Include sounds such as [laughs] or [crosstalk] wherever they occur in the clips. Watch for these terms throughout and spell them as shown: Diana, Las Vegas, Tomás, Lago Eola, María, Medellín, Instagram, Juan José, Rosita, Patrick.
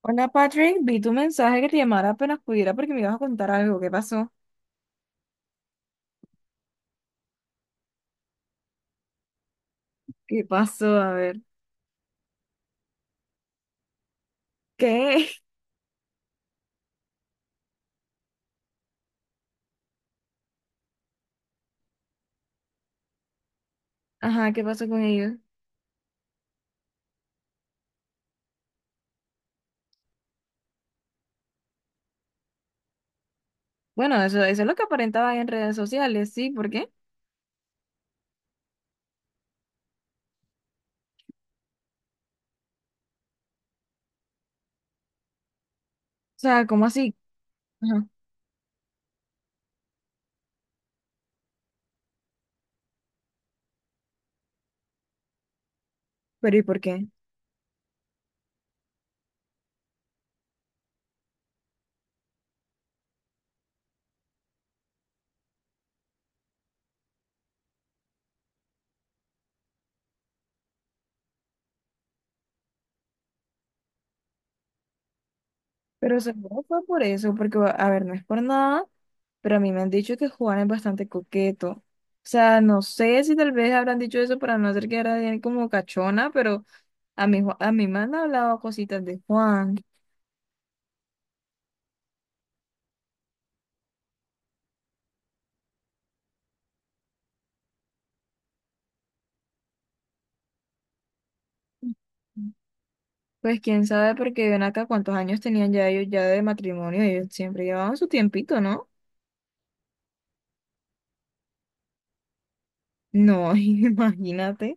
Hola Patrick, vi tu mensaje que te llamara apenas pudiera porque me ibas a contar algo. ¿Qué pasó? ¿Qué pasó? A ver. ¿Qué? [laughs] Ajá, ¿qué pasó con ellos? Bueno, eso es lo que aparentaba en redes sociales, ¿sí? ¿Por qué? O sea, ¿cómo así? Ajá, pero ¿y por qué? Pero seguro fue por eso, porque, a ver, no es por nada, pero a mí me han dicho que Juan es bastante coqueto. O sea, no sé si tal vez habrán dicho eso para no hacer que era de él como cachona, pero a mí, a mí me han hablado cositas de Juan. Pues quién sabe, porque ven acá cuántos años tenían ya ellos ya de matrimonio, ellos siempre llevaban su tiempito, ¿no? No, [laughs] imagínate.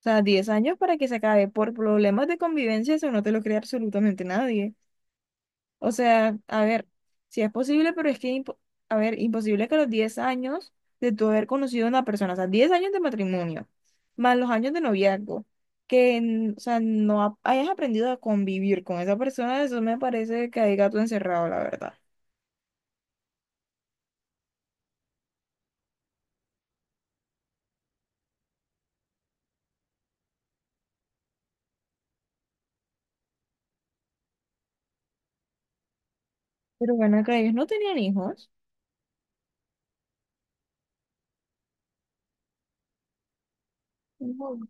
O sea, 10 años para que se acabe por problemas de convivencia, eso no te lo cree absolutamente nadie. O sea, a ver, si es posible, pero es que, a ver, imposible que a los 10 años de tu haber conocido a una persona, o sea, 10 años de matrimonio, más los años de noviazgo, que, o sea, no ha- hayas aprendido a convivir con esa persona, eso me parece que hay gato encerrado, la verdad. Pero bueno, acá ellos no tenían hijos. No.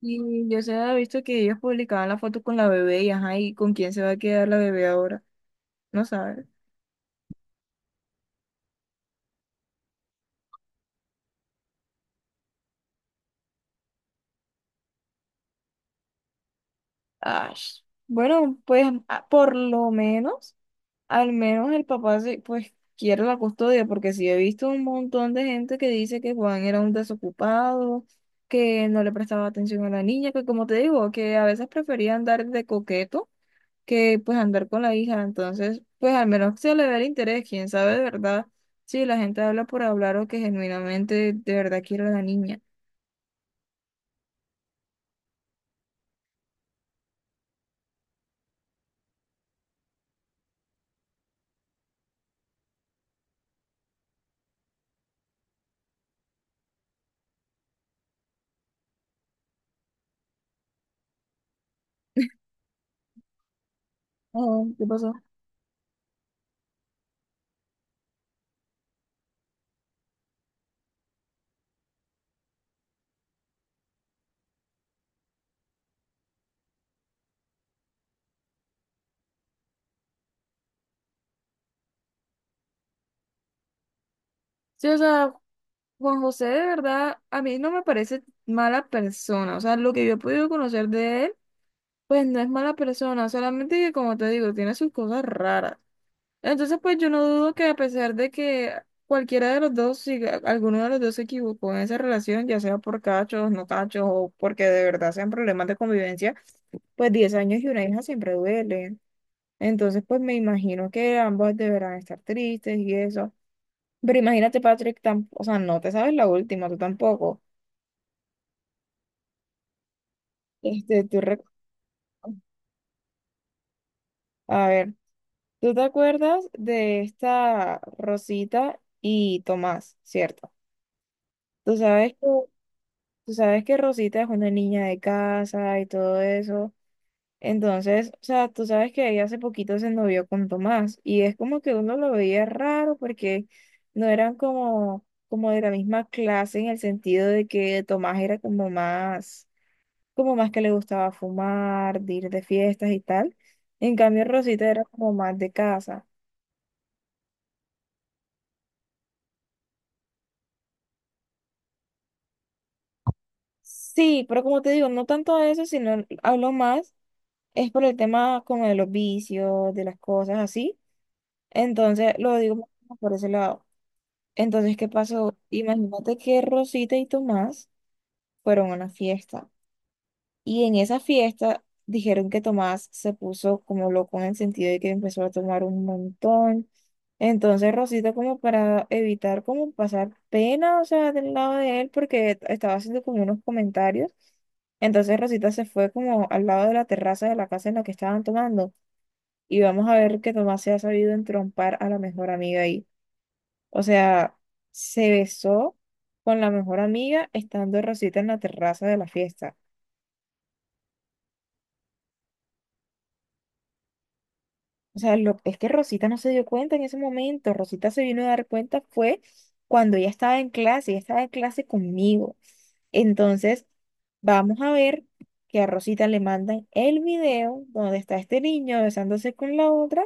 Y yo se había visto que ellos publicaban la foto con la bebé y ajá, ¿y con quién se va a quedar la bebé ahora? No sabes. Ah, bueno, pues ah, por lo menos, al menos el papá se, pues quiere la custodia, porque sí he visto un montón de gente que dice que Juan era un desocupado, que no le prestaba atención a la niña, que como te digo, que a veces prefería andar de coqueto que pues andar con la hija. Entonces, pues al menos se le ve el interés, quién sabe de verdad si la gente habla por hablar o que genuinamente de verdad quiere a la niña. Oh, ¿qué pasó? Sí, o sea, Juan José de verdad a mí no me parece mala persona. O sea, lo que yo he podido conocer de él, pues no es mala persona, solamente que como te digo, tiene sus cosas raras. Entonces, pues yo no dudo que a pesar de que cualquiera de los dos, si alguno de los dos se equivocó en esa relación, ya sea por cachos, no cachos, o porque de verdad sean problemas de convivencia, pues 10 años y una hija siempre duele. Entonces, pues me imagino que ambos deberán estar tristes y eso. Pero imagínate, Patrick, o sea, no te sabes la última, tú tampoco. Este, a ver, tú te acuerdas de esta Rosita y Tomás, ¿cierto? Tú sabes que Tú sabes que Rosita es una niña de casa y todo eso. Entonces, o sea, tú sabes que ella hace poquito se novió con Tomás y es como que uno lo veía raro porque no eran como, como de la misma clase en el sentido de que Tomás era como más que le gustaba fumar, de ir de fiestas y tal. En cambio, Rosita era como más de casa. Sí, pero como te digo, no tanto de eso, sino hablo más, es por el tema como de los vicios, de las cosas así. Entonces, lo digo por ese lado. Entonces, ¿qué pasó? Imagínate que Rosita y Tomás fueron a una fiesta. Y en esa fiesta dijeron que Tomás se puso como loco en el sentido de que empezó a tomar un montón. Entonces, Rosita como para evitar como pasar pena, o sea, del lado de él, porque estaba haciendo como unos comentarios. Entonces Rosita se fue como al lado de la terraza de la casa en la que estaban tomando y vamos a ver que Tomás se ha sabido entrompar a la mejor amiga ahí. O sea, se besó con la mejor amiga estando Rosita en la terraza de la fiesta. O sea, lo, es que Rosita no se dio cuenta en ese momento. Rosita se vino a dar cuenta fue cuando ella estaba en clase, ella estaba en clase conmigo. Entonces, vamos a ver que a Rosita le mandan el video donde está este niño besándose con la otra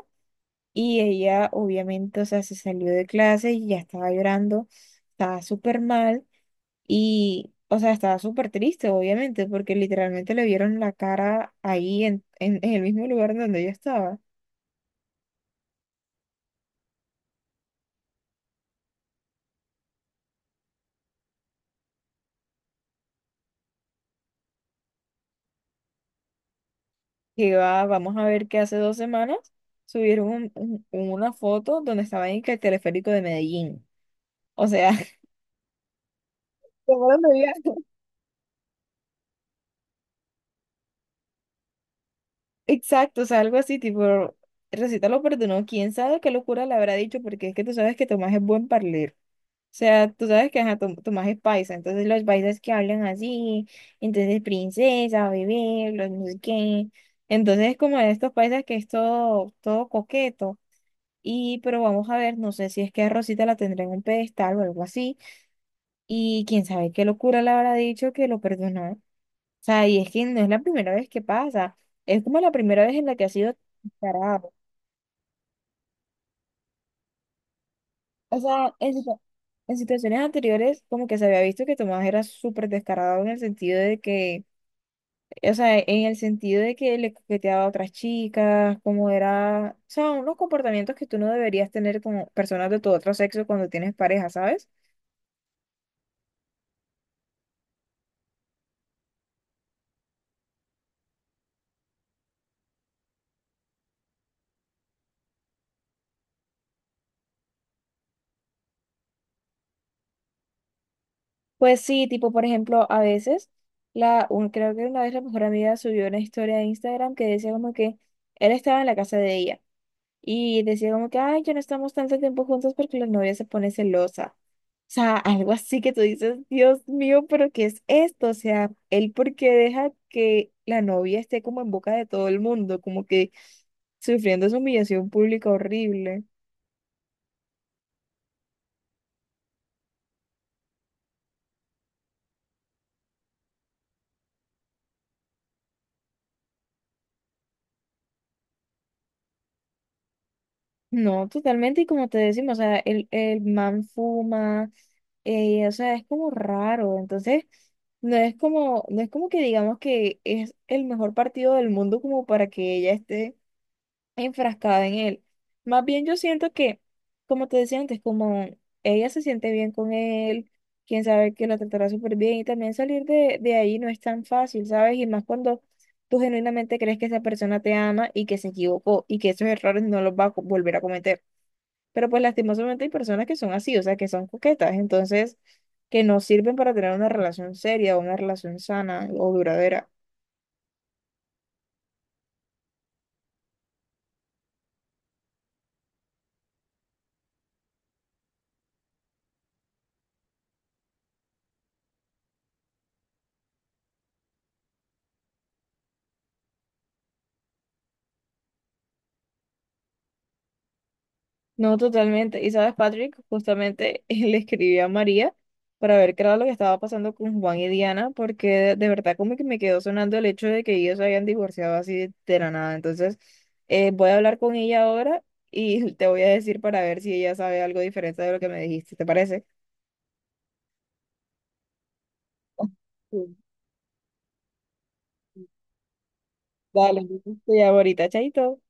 y ella obviamente, o sea, se salió de clase y ya estaba llorando, estaba súper mal. Y, o sea, estaba súper triste, obviamente, porque literalmente le vieron la cara ahí en el mismo lugar en donde yo estaba. Que va, vamos a ver que hace 2 semanas subieron una foto donde estaba en que el teleférico de Medellín. O sea, [laughs] ¿cómo lo veía? Exacto, o sea, algo así, tipo, Recita lo perdonó, quién sabe qué locura le habrá dicho, porque es que tú sabes que Tomás es buen parler. Sea, tú sabes que ajá, tu magia es paisa, entonces los paisas que hablan así, entonces princesa, bebé, los no sé qué. Entonces es como de estos paisas que es todo coqueto. Y pero vamos a ver, no sé si es que a Rosita la tendrá en un pedestal o algo así. Y quién sabe qué locura le habrá dicho que lo perdonó. O sea, y es que no es la primera vez que pasa. Es como la primera vez en la que ha sido descarado. O sea, en situaciones anteriores como que se había visto que Tomás era súper descarado en el sentido de que o sea, en el sentido de que le coqueteaba a otras chicas, como era, o sea, unos comportamientos que tú no deberías tener con personas de tu otro sexo cuando tienes pareja, ¿sabes? Pues sí, tipo, por ejemplo, a veces, creo que una vez la mejor amiga subió una historia de Instagram que decía como que él estaba en la casa de ella y decía como que, ay, ya no estamos tanto tiempo juntos porque la novia se pone celosa. O sea, algo así que tú dices, Dios mío, pero ¿qué es esto? O sea, él porque deja que la novia esté como en boca de todo el mundo, como que sufriendo esa humillación pública horrible. No, totalmente, y como te decimos, o sea, el man fuma, o sea, es como raro, entonces no es como, no es como que digamos que es el mejor partido del mundo como para que ella esté enfrascada en él. Más bien yo siento que, como te decía antes, como ella se siente bien con él, quién sabe que la tratará súper bien y también salir de ahí no es tan fácil, ¿sabes? Y más cuando tú genuinamente crees que esa persona te ama y que se equivocó y que esos errores no los va a volver a cometer. Pero pues lastimosamente hay personas que son así, o sea, que son coquetas, entonces que no sirven para tener una relación seria o una relación sana o duradera. No, totalmente. Y sabes, Patrick, justamente [laughs] le escribí a María para ver qué era lo que estaba pasando con Juan y Diana, porque de verdad como que me quedó sonando el hecho de que ellos se habían divorciado así de la nada. Entonces, voy a hablar con ella ahora y [laughs] te voy a decir para ver si ella sabe algo diferente de lo que me dijiste, ¿te parece? Sí. Dale, entonces te llamo ahorita, chaito.